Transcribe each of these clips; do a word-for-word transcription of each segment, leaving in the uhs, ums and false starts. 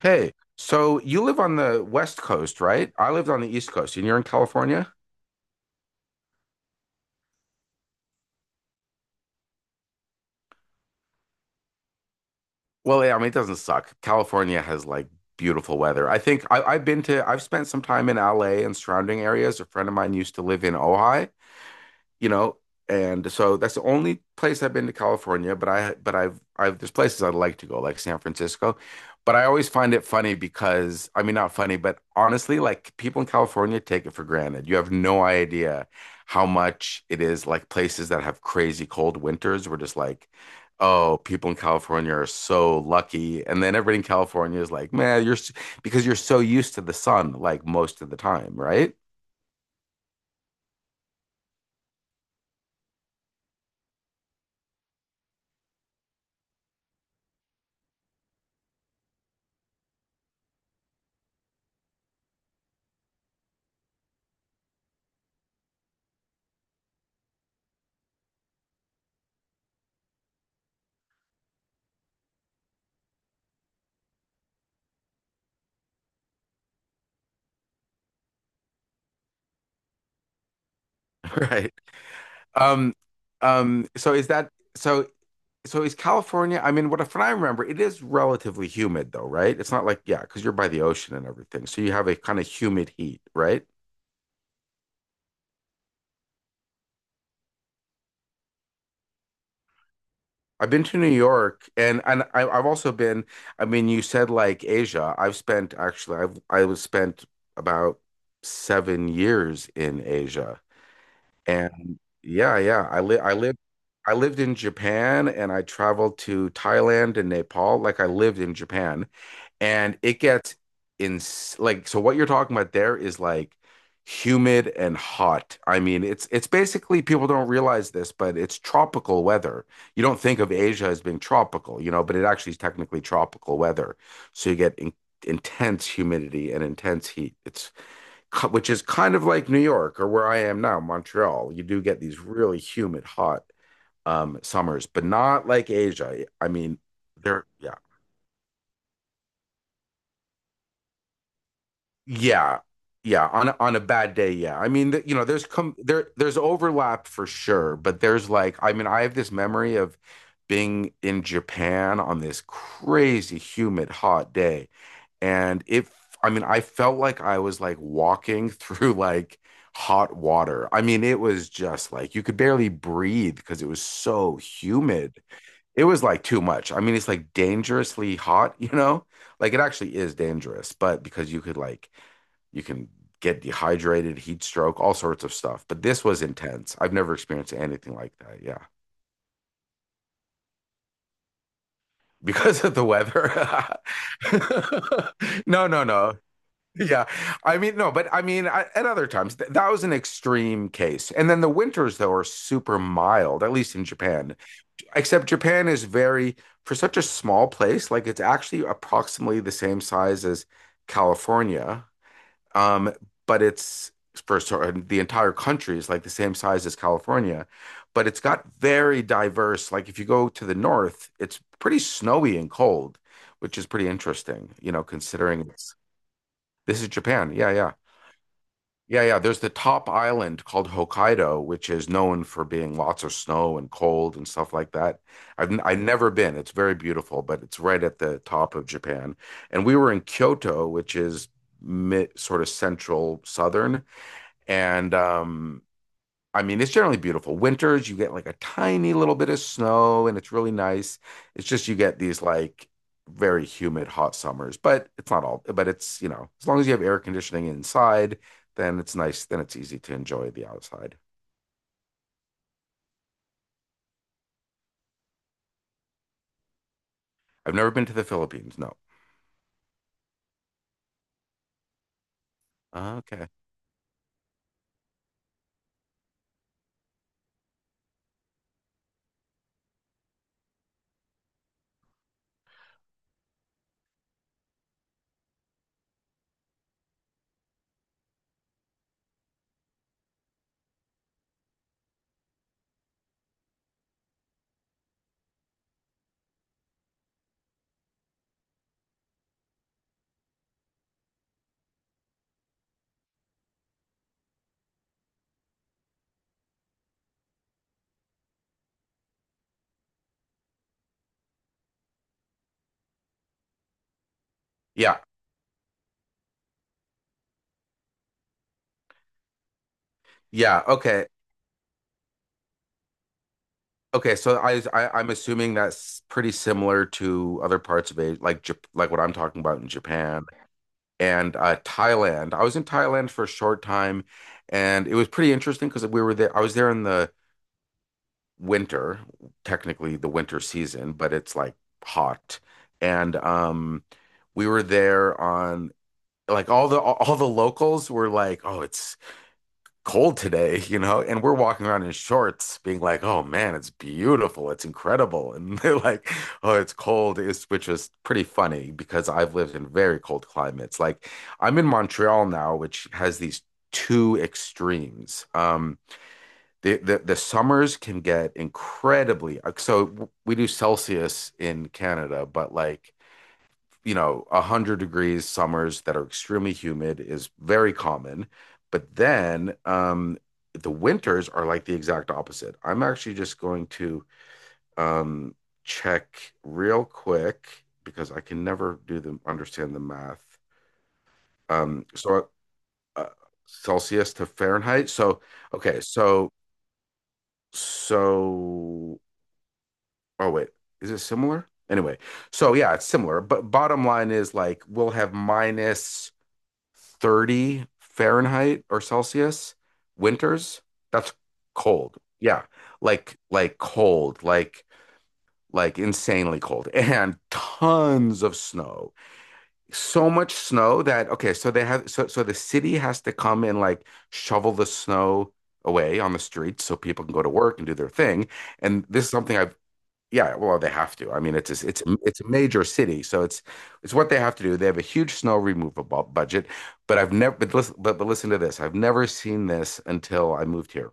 Hey, so you live on the West Coast, right? I lived on the East Coast, and you're in California? Well, yeah, I mean, it doesn't suck. California has like beautiful weather. I think I, I've been to, I've spent some time in L A and surrounding areas. A friend of mine used to live in Ojai, you know, and so that's the only place I've been to California, but I but I've I've there's places I'd like to go, like San Francisco. But I always find it funny because I mean not funny, but honestly, like people in California take it for granted. You have no idea how much it is like places that have crazy cold winters. We're just like, oh, people in California are so lucky. And then everybody in California is like, man, you're s- because you're so used to the sun like most of the time, right? Right. Um, um, so is that so so is California, I mean, what from what I remember, it is relatively humid though, right? It's not like, yeah, because you're by the ocean and everything. So you have a kind of humid heat, right? I've been to New York and and I, I've also been, I mean, you said like Asia. I've spent actually I've I was spent about seven years in Asia. And yeah, yeah, I live I lived I lived in Japan and I traveled to Thailand and Nepal. Like I lived in Japan, and it gets in like so what you're talking about there is like humid and hot. I mean, it's it's basically people don't realize this, but it's tropical weather. You don't think of Asia as being tropical, you know, but it actually is technically tropical weather. So you get in intense humidity and intense heat. It's ki- which is kind of like New York or where I am now, Montreal. You do get these really humid, hot um, summers, but not like Asia. I mean, there, yeah. Yeah. Yeah, on a, on a bad day, yeah. I mean, th- you know, there's come there there's overlap for sure, but there's like I mean, I have this memory of being in Japan on this crazy humid hot day and it I mean, I felt like I was like walking through like hot water. I mean, it was just like you could barely breathe because it was so humid. It was like too much. I mean, it's like dangerously hot, you know? Like it actually is dangerous, but because you could like you can get dehydrated, heat stroke, all sorts of stuff. But this was intense. I've never experienced anything like that. Yeah. Because of the weather. No, no, no. Yeah. I mean, no, but I mean, I, at other times, th that was an extreme case. And then the winters, though, are super mild, at least in Japan. Except Japan is very, for such a small place, like it's actually approximately the same size as California. Um, but it's for sort the entire country is like the same size as California, but it's got very diverse. Like if you go to the north, it's pretty snowy and cold, which is pretty interesting, you know, considering it's, this is Japan. Yeah, yeah. Yeah, yeah. There's the top island called Hokkaido, which is known for being lots of snow and cold and stuff like that. I've n- I've never been. It's very beautiful, but it's right at the top of Japan. And we were in Kyoto, which is mid, sort of central southern, and um, I mean, it's generally beautiful. Winters, you get like a tiny little bit of snow and it's really nice. It's just you get these like very humid, hot summers, but it's not all, but it's, you know, as long as you have air conditioning inside, then it's nice. Then it's easy to enjoy the outside. I've never been to the Philippines. No. Uh, okay. Yeah. Yeah. Okay. Okay. So I, I I'm assuming that's pretty similar to other parts of Asia, like Jap- like what I'm talking about in Japan and uh, Thailand. I was in Thailand for a short time, and it was pretty interesting because we were there. I was there in the winter, technically the winter season, but it's like hot, and um, we were there on like all the all the locals were like, "Oh, it's cold today, you know," and we're walking around in shorts being like, oh man, it's beautiful, it's incredible. And they're like, oh, it's cold, it's, which was pretty funny because I've lived in very cold climates. Like I'm in Montreal now, which has these two extremes. Um, the, the, the summers can get incredibly, uh, so we do Celsius in Canada, but like you know, one hundred degrees summers that are extremely humid is very common. But then um, the winters are like the exact opposite. I'm actually just going to um, check real quick because I can never do the understand the math. Um, so uh, Celsius to Fahrenheit. So okay, so so oh wait, is it similar? Anyway, so yeah, it's similar. But bottom line is like we'll have minus thirty Fahrenheit or Celsius winters. That's cold. Yeah. Like like cold, like like insanely cold and tons of snow. So much snow that okay, so they have so so the city has to come and like shovel the snow away on the streets so people can go to work and do their thing. And this is something I've yeah, well, they have to. I mean, it's a, it's it's a major city, so it's it's what they have to do. They have a huge snow removal bu- budget, but I've never but listen but, but listen to this. I've never seen this until I moved here.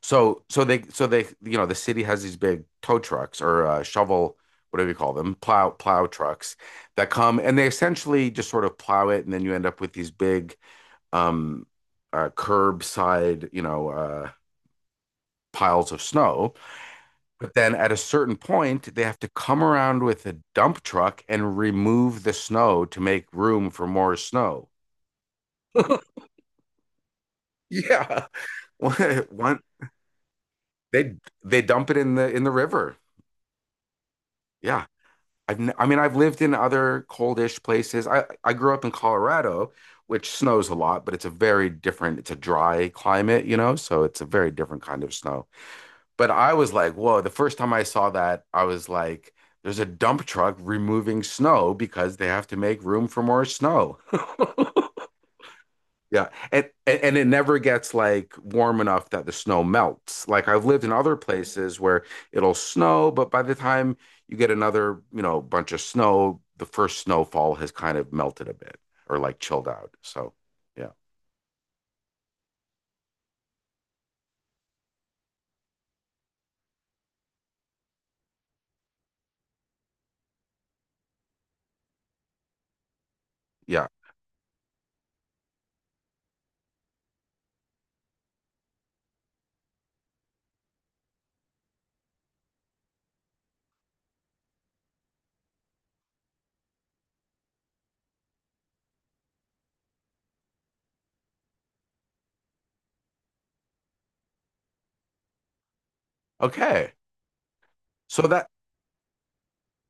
So so they so they you know the city has these big tow trucks or uh, shovel whatever you call them plow plow trucks that come and they essentially just sort of plow it, and then you end up with these big um uh, curbside you know uh, piles of snow. Then at a certain point, they have to come around with a dump truck and remove the snow to make room for more snow. Yeah, one they they dump it in the in the river. Yeah, I've n- I mean I've lived in other coldish places. I I grew up in Colorado, which snows a lot, but it's a very different. It's a dry climate, you know, so it's a very different kind of snow. But I was like, whoa, the first time I saw that, I was like, there's a dump truck removing snow because they have to make room for more snow. Yeah. And, and and it never gets like warm enough that the snow melts. Like I've lived in other places where it'll snow, but by the time you get another, you know, bunch of snow, the first snowfall has kind of melted a bit or like chilled out. So, yeah. Yeah. Okay. So that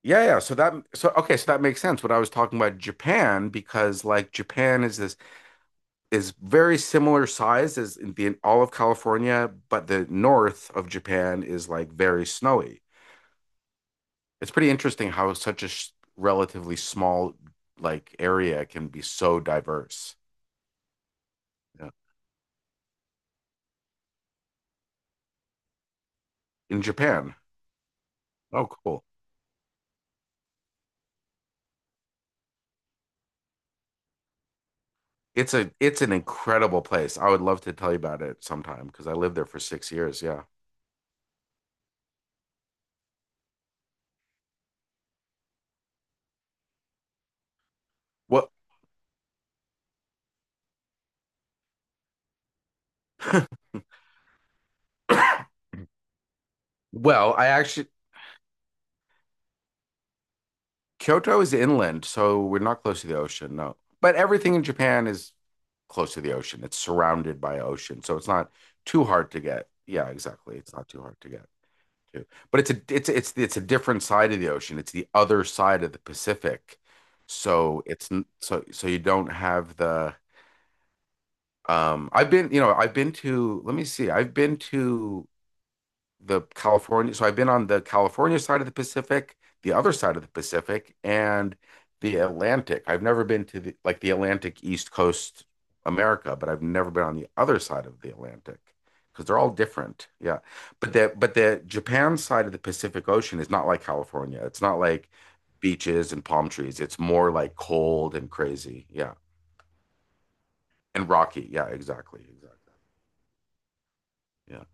Yeah, yeah. So that so okay, so that makes sense. What I was talking about Japan because like Japan is this is very similar size as in the all of California, but the north of Japan is like very snowy. It's pretty interesting how such a sh relatively small like area can be so diverse. Yeah. In Japan. Oh, cool. It's a it's an incredible place. I would love to tell you about it sometime because I lived there for six years. Yeah. Well, well, I actually Kyoto is inland, so we're not close to the ocean, no. But everything in Japan is close to the ocean. It's surrounded by ocean, so it's not too hard to get. Yeah, exactly. It's not too hard to get to. But it's a it's it's it's a different side of the ocean. It's the other side of the Pacific. So it's n- so so you don't have the um I've been, you know, I've been to, let me see. I've been to the California. So I've been on the California side of the Pacific, the other side of the Pacific, and the Atlantic. I've never been to the like the Atlantic East Coast America, but I've never been on the other side of the Atlantic because they're all different. Yeah. But the but the Japan side of the Pacific Ocean is not like California. It's not like beaches and palm trees. It's more like cold and crazy. Yeah. And rocky. Yeah, exactly. Exactly. Yeah.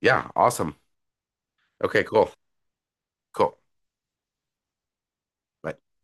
Yeah. Awesome. Okay, cool. Cool. Bye.